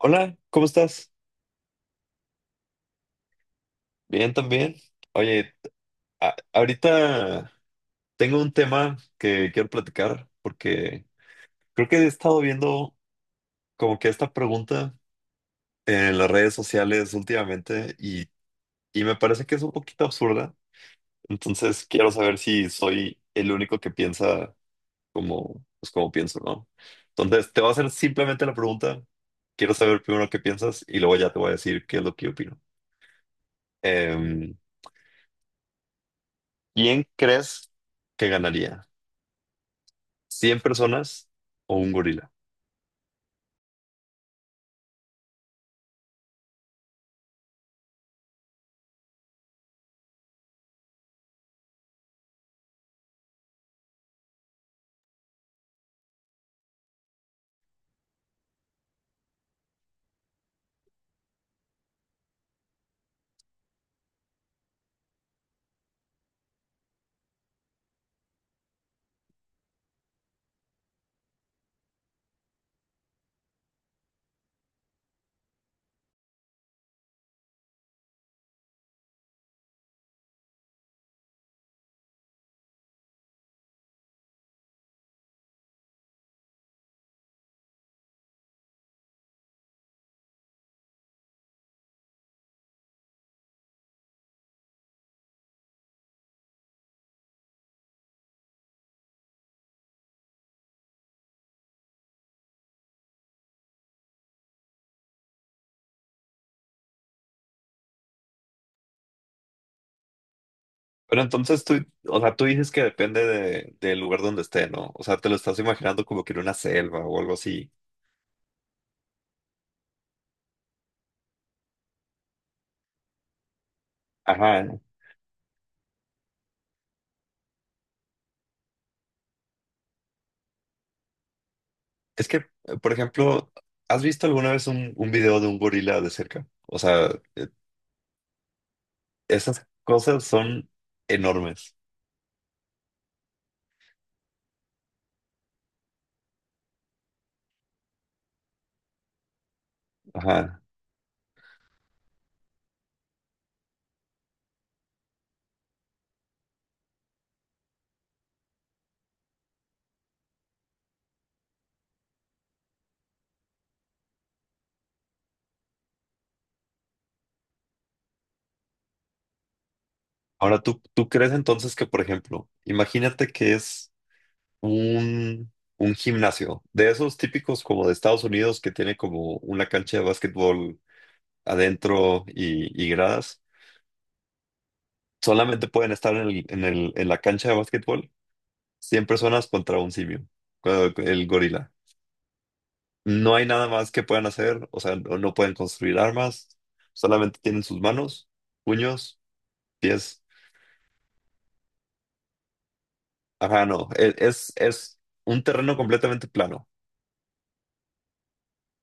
Hola, ¿cómo estás? Bien, también. Oye, ahorita tengo un tema que quiero platicar porque creo que he estado viendo como que esta pregunta en las redes sociales últimamente y me parece que es un poquito absurda. Entonces quiero saber si soy el único que piensa como, pues como pienso, ¿no? Entonces te voy a hacer simplemente la pregunta. Quiero saber primero qué piensas y luego ya te voy a decir qué es lo que opino. Em, ¿Quién crees que ganaría? ¿Cien personas o un gorila? Pero entonces tú, o sea, tú dices que depende de, del lugar donde esté, ¿no? O sea, te lo estás imaginando como que en una selva o algo así. Ajá. Es que, por ejemplo, ¿has visto alguna vez un video de un gorila de cerca? O sea, eh, esas cosas son enormes. Ajá. Ahora, tú crees entonces que, por ejemplo, imagínate que es un, un gimnasio de esos típicos como de Estados Unidos que tiene como una cancha de básquetbol adentro y gradas, solamente pueden estar en en la cancha de básquetbol 100 personas contra un simio, con el gorila. No hay nada más que puedan hacer, o sea, no pueden construir armas, solamente tienen sus manos, puños, pies. Ajá, no, es un terreno completamente plano.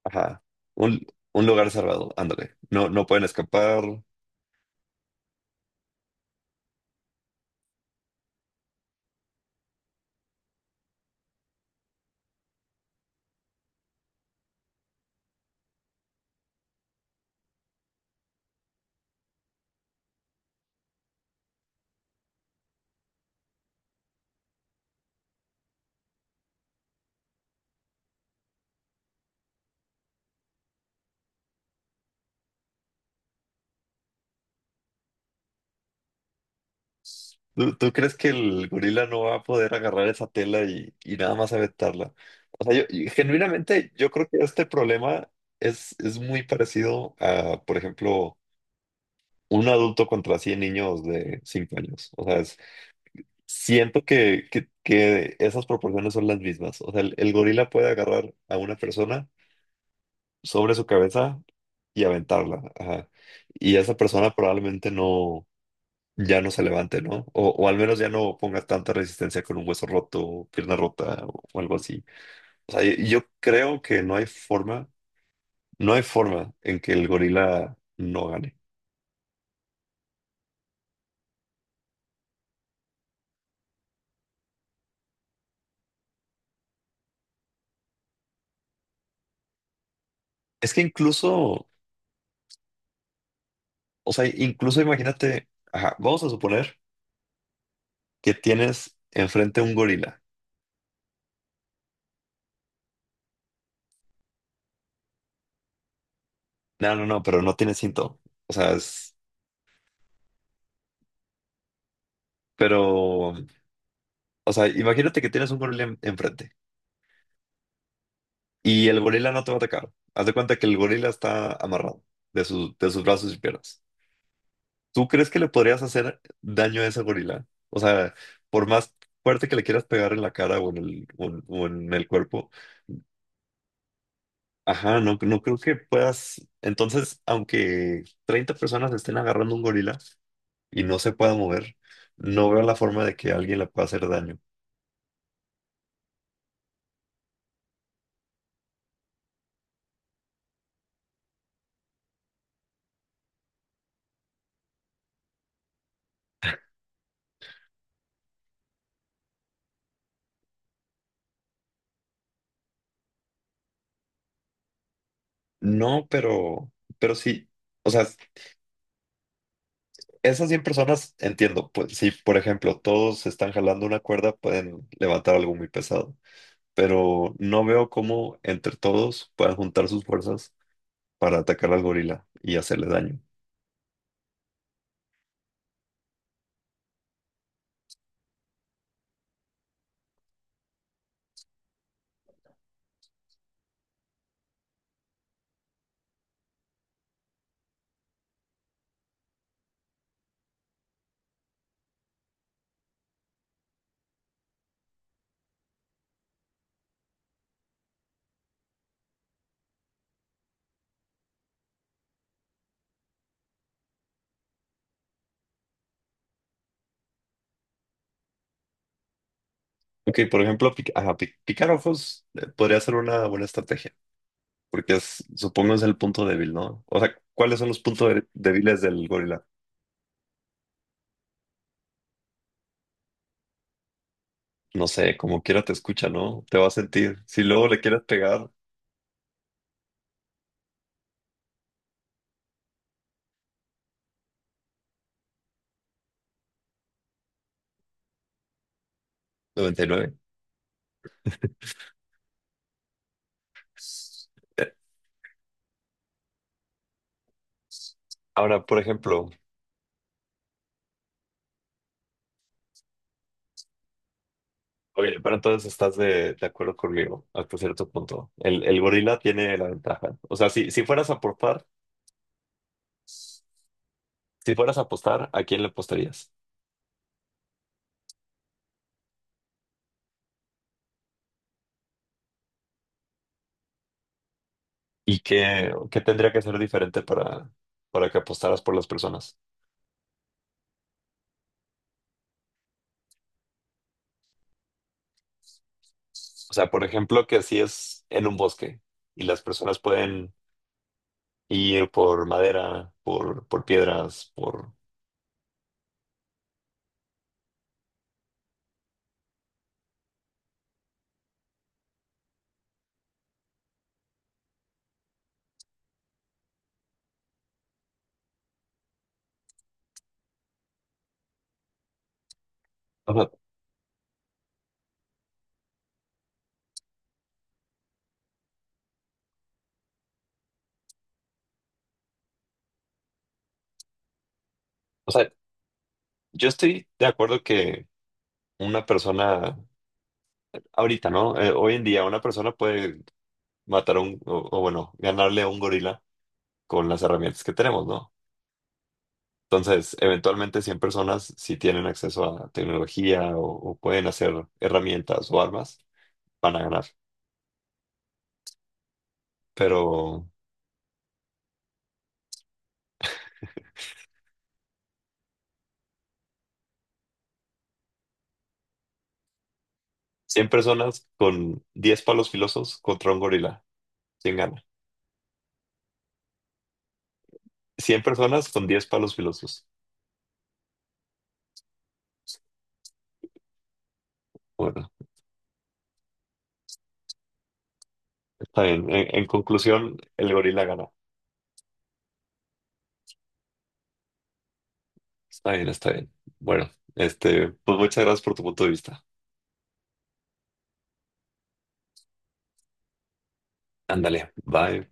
Ajá, un, un lugar cerrado, ándale. No, no pueden escapar. ¿Tú, tú crees que el gorila no va a poder agarrar esa tela y nada más aventarla? O sea, yo, y genuinamente, yo creo que este problema es muy parecido a, por ejemplo, un adulto contra 100 niños de 5 años. O sea, siento que esas proporciones son las mismas. O sea, el gorila puede agarrar a una persona sobre su cabeza y aventarla. Ajá. Y esa persona probablemente ya no se levante, ¿no? O al menos ya no ponga tanta resistencia con un hueso roto, pierna rota o algo así. O sea, yo creo que no hay forma, no hay forma en que el gorila no gane. Es que incluso, o sea, incluso imagínate, ajá, vamos a suponer que tienes enfrente un gorila. No, no, no, pero no tiene cinto. O sea, es, pero, o sea, imagínate que tienes un gorila enfrente y el gorila no te va a atacar. Haz de cuenta que el gorila está amarrado de sus brazos y piernas. ¿Tú crees que le podrías hacer daño a ese gorila? O sea, por más fuerte que le quieras pegar en la cara o en el cuerpo, ajá, no, no creo que puedas. Entonces, aunque 30 personas estén agarrando un gorila y no se pueda mover, no veo la forma de que alguien le pueda hacer daño. No, pero sí, o sea, esas 100 personas entiendo, pues si por ejemplo todos están jalando una cuerda, pueden levantar algo muy pesado, pero no veo cómo entre todos puedan juntar sus fuerzas para atacar al gorila y hacerle daño. Ok, por ejemplo, ajá, picar ojos podría ser una buena estrategia, porque supongo es el punto débil, ¿no? O sea, ¿cuáles son los puntos débiles del gorila? No sé, como quiera te escucha, ¿no? Te va a sentir. Si luego le quieres pegar, 99. Eh, Ahora, por ejemplo, oye, pero entonces estás de acuerdo conmigo hasta cierto punto. El gorila tiene la ventaja. O sea, si, si fueras a por par, si fueras a apostar, ¿a quién le apostarías? ¿Y qué, qué tendría que ser diferente para que apostaras por las personas? O sea, por ejemplo, que si es en un bosque y las personas pueden ir por madera, por piedras, por... O sea, o sea, yo estoy de acuerdo que una persona, ahorita, ¿no? Hoy en día una persona puede matar a un, o bueno, ganarle a un gorila con las herramientas que tenemos, ¿no? Entonces, eventualmente 100 personas, si tienen acceso a tecnología o pueden hacer herramientas o armas, van a ganar. Pero 100 personas con 10 palos filosos contra un gorila, ¿quién gana? Cien personas con 10 palos filosos. Bueno, está bien. En conclusión, el gorila gana. Está bien, está bien. Bueno, este, pues muchas gracias por tu punto de vista. Ándale, bye.